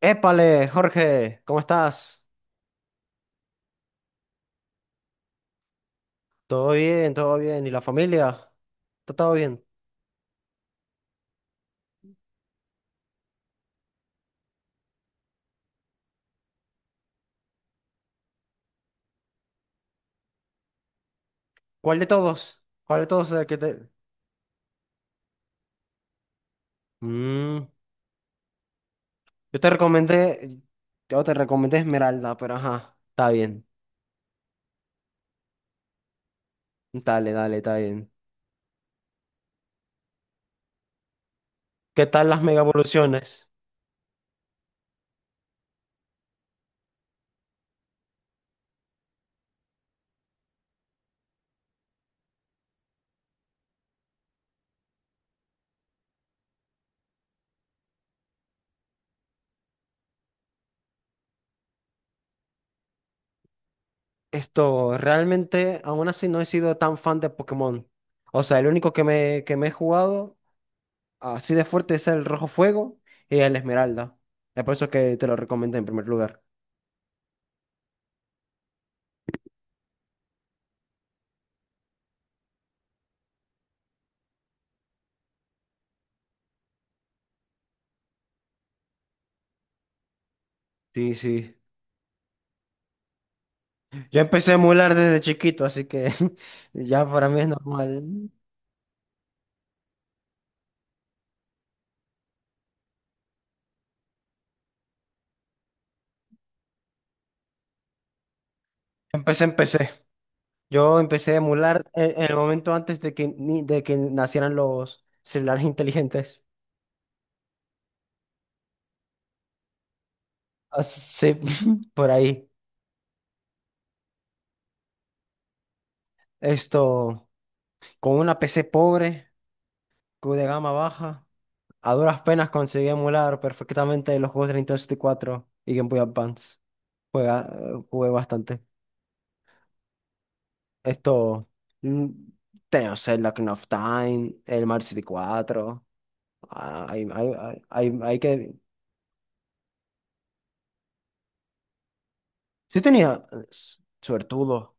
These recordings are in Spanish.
Épale, Jorge, ¿cómo estás? Todo bien, todo bien. ¿Y la familia? ¿Está todo bien? ¿Cuál de todos? ¿Cuál de todos es el que te... Mm, yo te recomendé, yo te recomendé Esmeralda, pero ajá, está bien. Dale, está bien. ¿Qué tal las mega evoluciones? Realmente, aún así no he sido tan fan de Pokémon. O sea, el único que que me he jugado así de fuerte es el Rojo Fuego y el Esmeralda. Es por eso que te lo recomendé en primer lugar. Sí, sí. Yo empecé a emular desde chiquito, así que ya para mí es normal. Empecé, empecé. Yo empecé a emular en el momento antes de que, ni- de que nacieran los celulares inteligentes. Así, por ahí. Esto, con una PC pobre, de gama baja, a duras penas conseguí emular perfectamente los juegos de Nintendo 64 y cuatro y Game Boy Advance. Juega, jugué bastante. Esto, mm, tengo Zelda Ocarina of Time, el Mario 64. Ah, hay que... Sí tenía suertudo,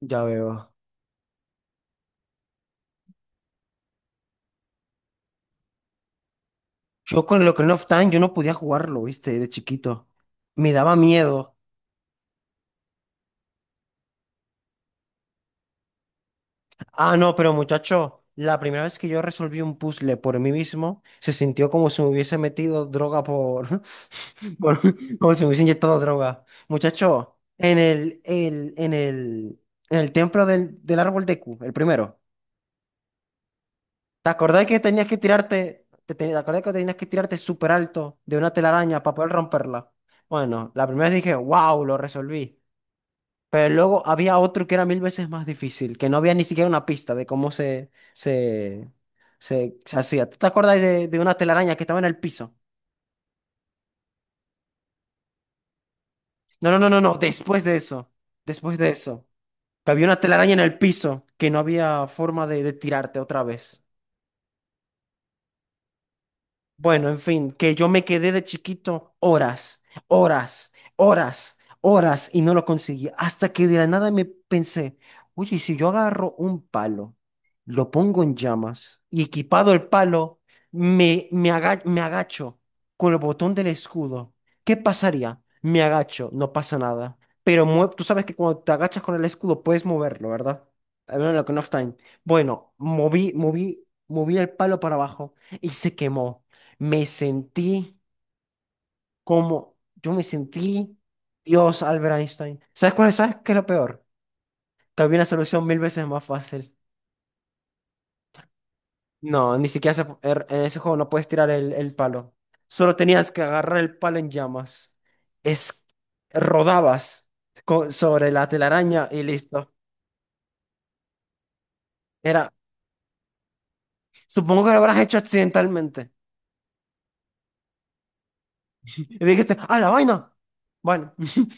ya veo. Yo con el Ocarina of Time, yo no podía jugarlo, ¿viste? De chiquito. Me daba miedo. Ah, no, pero muchacho, la primera vez que yo resolví un puzzle por mí mismo, se sintió como si me hubiese metido droga por... por- como si me hubiese inyectado droga. Muchacho, en el, en el, en el templo del árbol Deku, el primero. ¿Te acordás que tenías que tirarte, te acordás que tenías que tirarte súper alto de una telaraña para poder romperla? Bueno, la primera vez dije, wow, lo resolví. Pero luego había otro que era mil veces más difícil, que no había ni siquiera una pista de cómo se hacía. ¿Tú te acordás de una telaraña que estaba en el piso? No, no, no, no, no, después de eso, que había una telaraña en el piso que no había forma de tirarte otra vez. Bueno, en fin, que yo me quedé de chiquito horas y no lo conseguí. Hasta que de la nada me pensé, oye, ¿y si yo agarro un palo, lo pongo en llamas y equipado el palo, me agacho con el botón del escudo, ¿qué pasaría? Me agacho, no pasa nada. Pero tú sabes que cuando te agachas con el escudo puedes moverlo, ¿verdad? Al menos en la Ocarina of Time. Bueno, moví el palo para abajo y se quemó, me sentí como, yo me sentí Dios Albert Einstein. ¿Sabes cuál es? ¿Sabes qué es lo peor? Que había una solución mil veces más fácil. No, ni siquiera se- er- en ese juego no puedes tirar el palo. Solo tenías que agarrar el palo en llamas. Es, rodabas sobre la telaraña y listo. Era, supongo que lo habrás hecho accidentalmente. Y dijiste, ¡ah, la vaina! Bueno,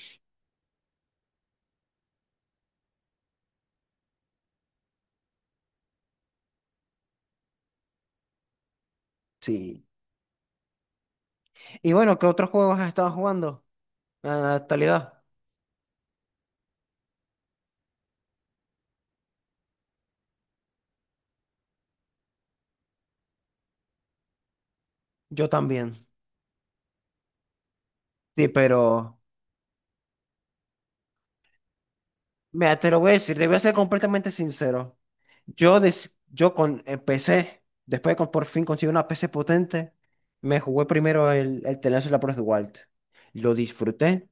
sí. Y bueno, ¿qué otros juegos has estado jugando en la actualidad? Yo también. Sí, pero, mira, te lo voy a decir, te voy a ser completamente sincero. Yo con el PC, después de que por fin conseguí una PC potente, me jugué primero el The Last of Us Wild. Lo disfruté,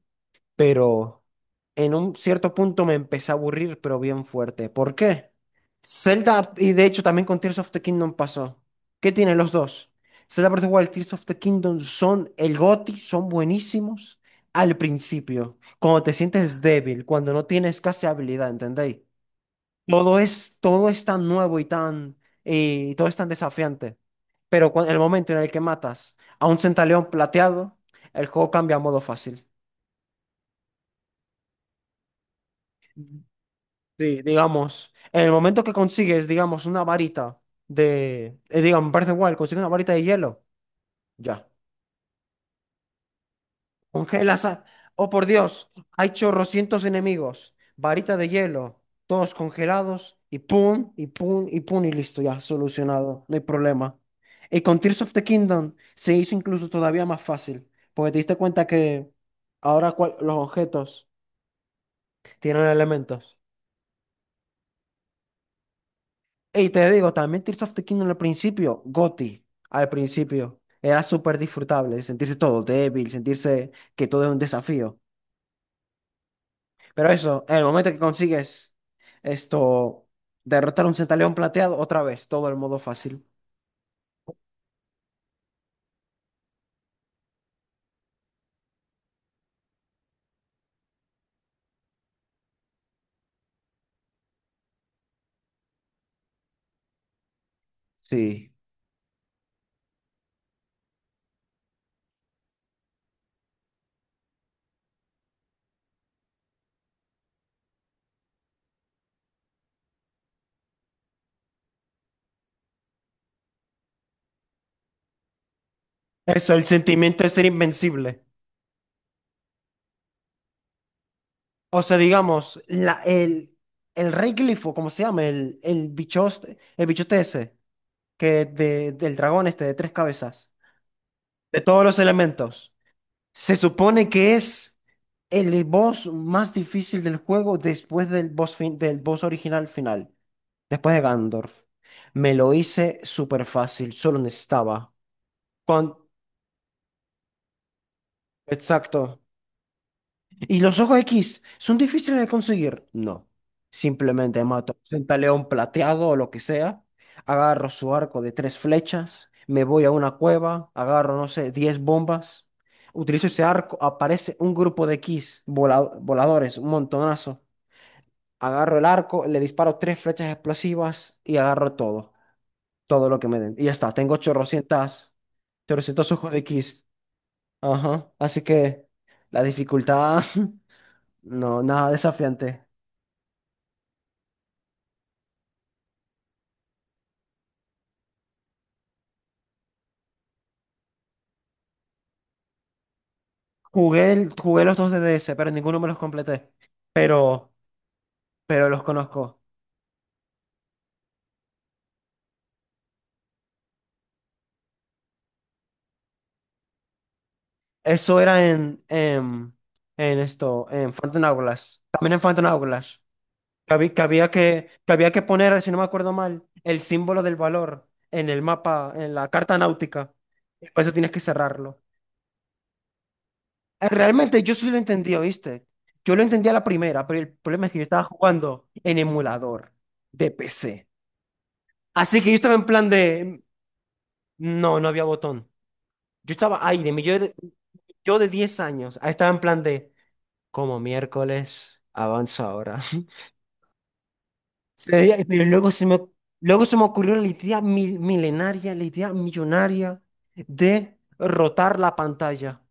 pero en un cierto punto me empecé a aburrir, pero bien fuerte. ¿Por qué? Zelda, y de hecho también con Tears of the Kingdom pasó. ¿Qué tienen los dos? Zelda Breath of the Wild, Tears of the Kingdom son el GOTY, son buenísimos al principio, cuando te sientes débil, cuando no tienes casi habilidad, ¿entendéis? Todo es tan nuevo y tan, y todo es tan desafiante. Pero en el momento en el que matas a un centaleón plateado, el juego cambia a modo fácil. Sí, digamos, en el momento que consigues, digamos, una varita digamos, me parece igual consigue una varita de hielo, ya, congelas a... Oh, por Dios, hay chorrocientos enemigos, varita de hielo, todos congelados, y pum, y pum, y pum, y listo, ya, solucionado, no hay problema. Y con Tears of the Kingdom se hizo incluso todavía más fácil, porque te diste cuenta que ahora los objetos tienen elementos. Y te digo, también Tears of the Kingdom al principio, GOTY, al principio, era súper disfrutable, sentirse todo débil, sentirse que todo es un desafío. Pero eso, en el momento que consigues esto, derrotar a un centaleón plateado, otra vez, todo el modo fácil. Sí. Eso, el sentimiento de ser invencible. O sea, digamos, el rey glifo, ¿cómo se llama? El bichote ese, que del dragón este de 3 cabezas, de todos los elementos. Se supone que es el boss más difícil del juego después del del boss original final, después de Gandorf. Me lo hice súper fácil, solo necesitaba. Con... Exacto. ¿Y los ojos X son difíciles de conseguir? No. Simplemente mato a un león plateado o lo que sea, agarro su arco de 3 flechas, me voy a una cueva, agarro, no sé, 10 bombas, utilizo ese arco, aparece un grupo de X voladores, un montonazo. Agarro el arco, le disparo 3 flechas explosivas y agarro todo, todo lo que me den. Y ya está, 800 ojos de Kiss. Ajá, así que la dificultad, no, nada desafiante. Jugué los dos DDS, pero ninguno me los completé. Pero, pero los conozco. Eso era en Phantom Hourglass. También en Phantom Hourglass. Que había que poner, si no me acuerdo mal, el símbolo del valor en el mapa, en la carta náutica. Y por eso tienes que cerrarlo. Realmente yo sí lo entendí, ¿oíste? Yo lo entendí a la primera, pero el problema es que yo estaba jugando en emulador de PC. Así que yo estaba en plan de... No, no había botón. Yo estaba ahí, de mi yo de 10 años. Ahí estaba en plan de... Como miércoles, avanza ahora. Pero luego luego se me ocurrió la idea milenaria, la idea millonaria de rotar la pantalla.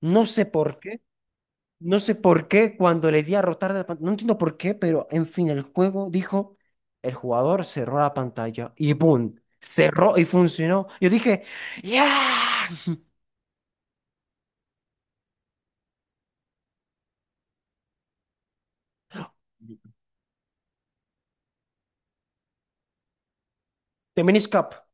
No sé por qué, no sé por qué cuando le di a rotar de la pantalla, no entiendo por qué, pero en fin, el juego dijo, el jugador cerró la pantalla y ¡boom! Cerró y funcionó. Yo dije, ya The Minish cup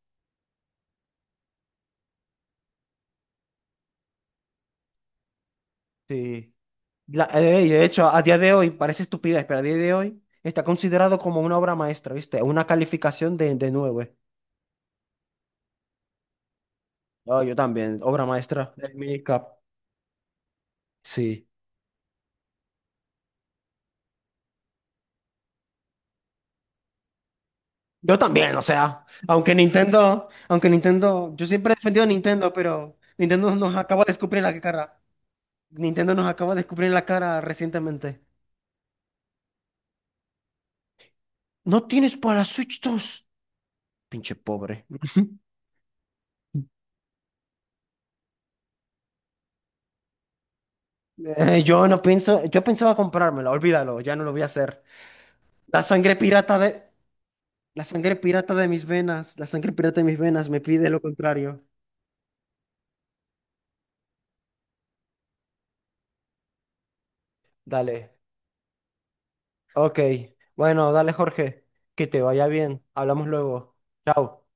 Sí. Y de hecho, a día de hoy, parece estupidez, pero a día de hoy está considerado como una obra maestra, ¿viste? Una calificación de 9. No, yo también, obra maestra del minicap. Sí. Yo también, o sea, aunque Nintendo, yo siempre he defendido a Nintendo, pero Nintendo nos acaba de escupir la cara. Nintendo nos acaba de escupir la cara recientemente. ¿No tienes para la Switch 2? Pinche pobre. Yo no pienso, yo pensaba comprármela, olvídalo, ya no lo voy a hacer. La sangre pirata de, la sangre pirata de mis venas, la sangre pirata de mis venas me pide lo contrario. Dale. Ok. Bueno, dale, Jorge. Que te vaya bien. Hablamos luego. Chao.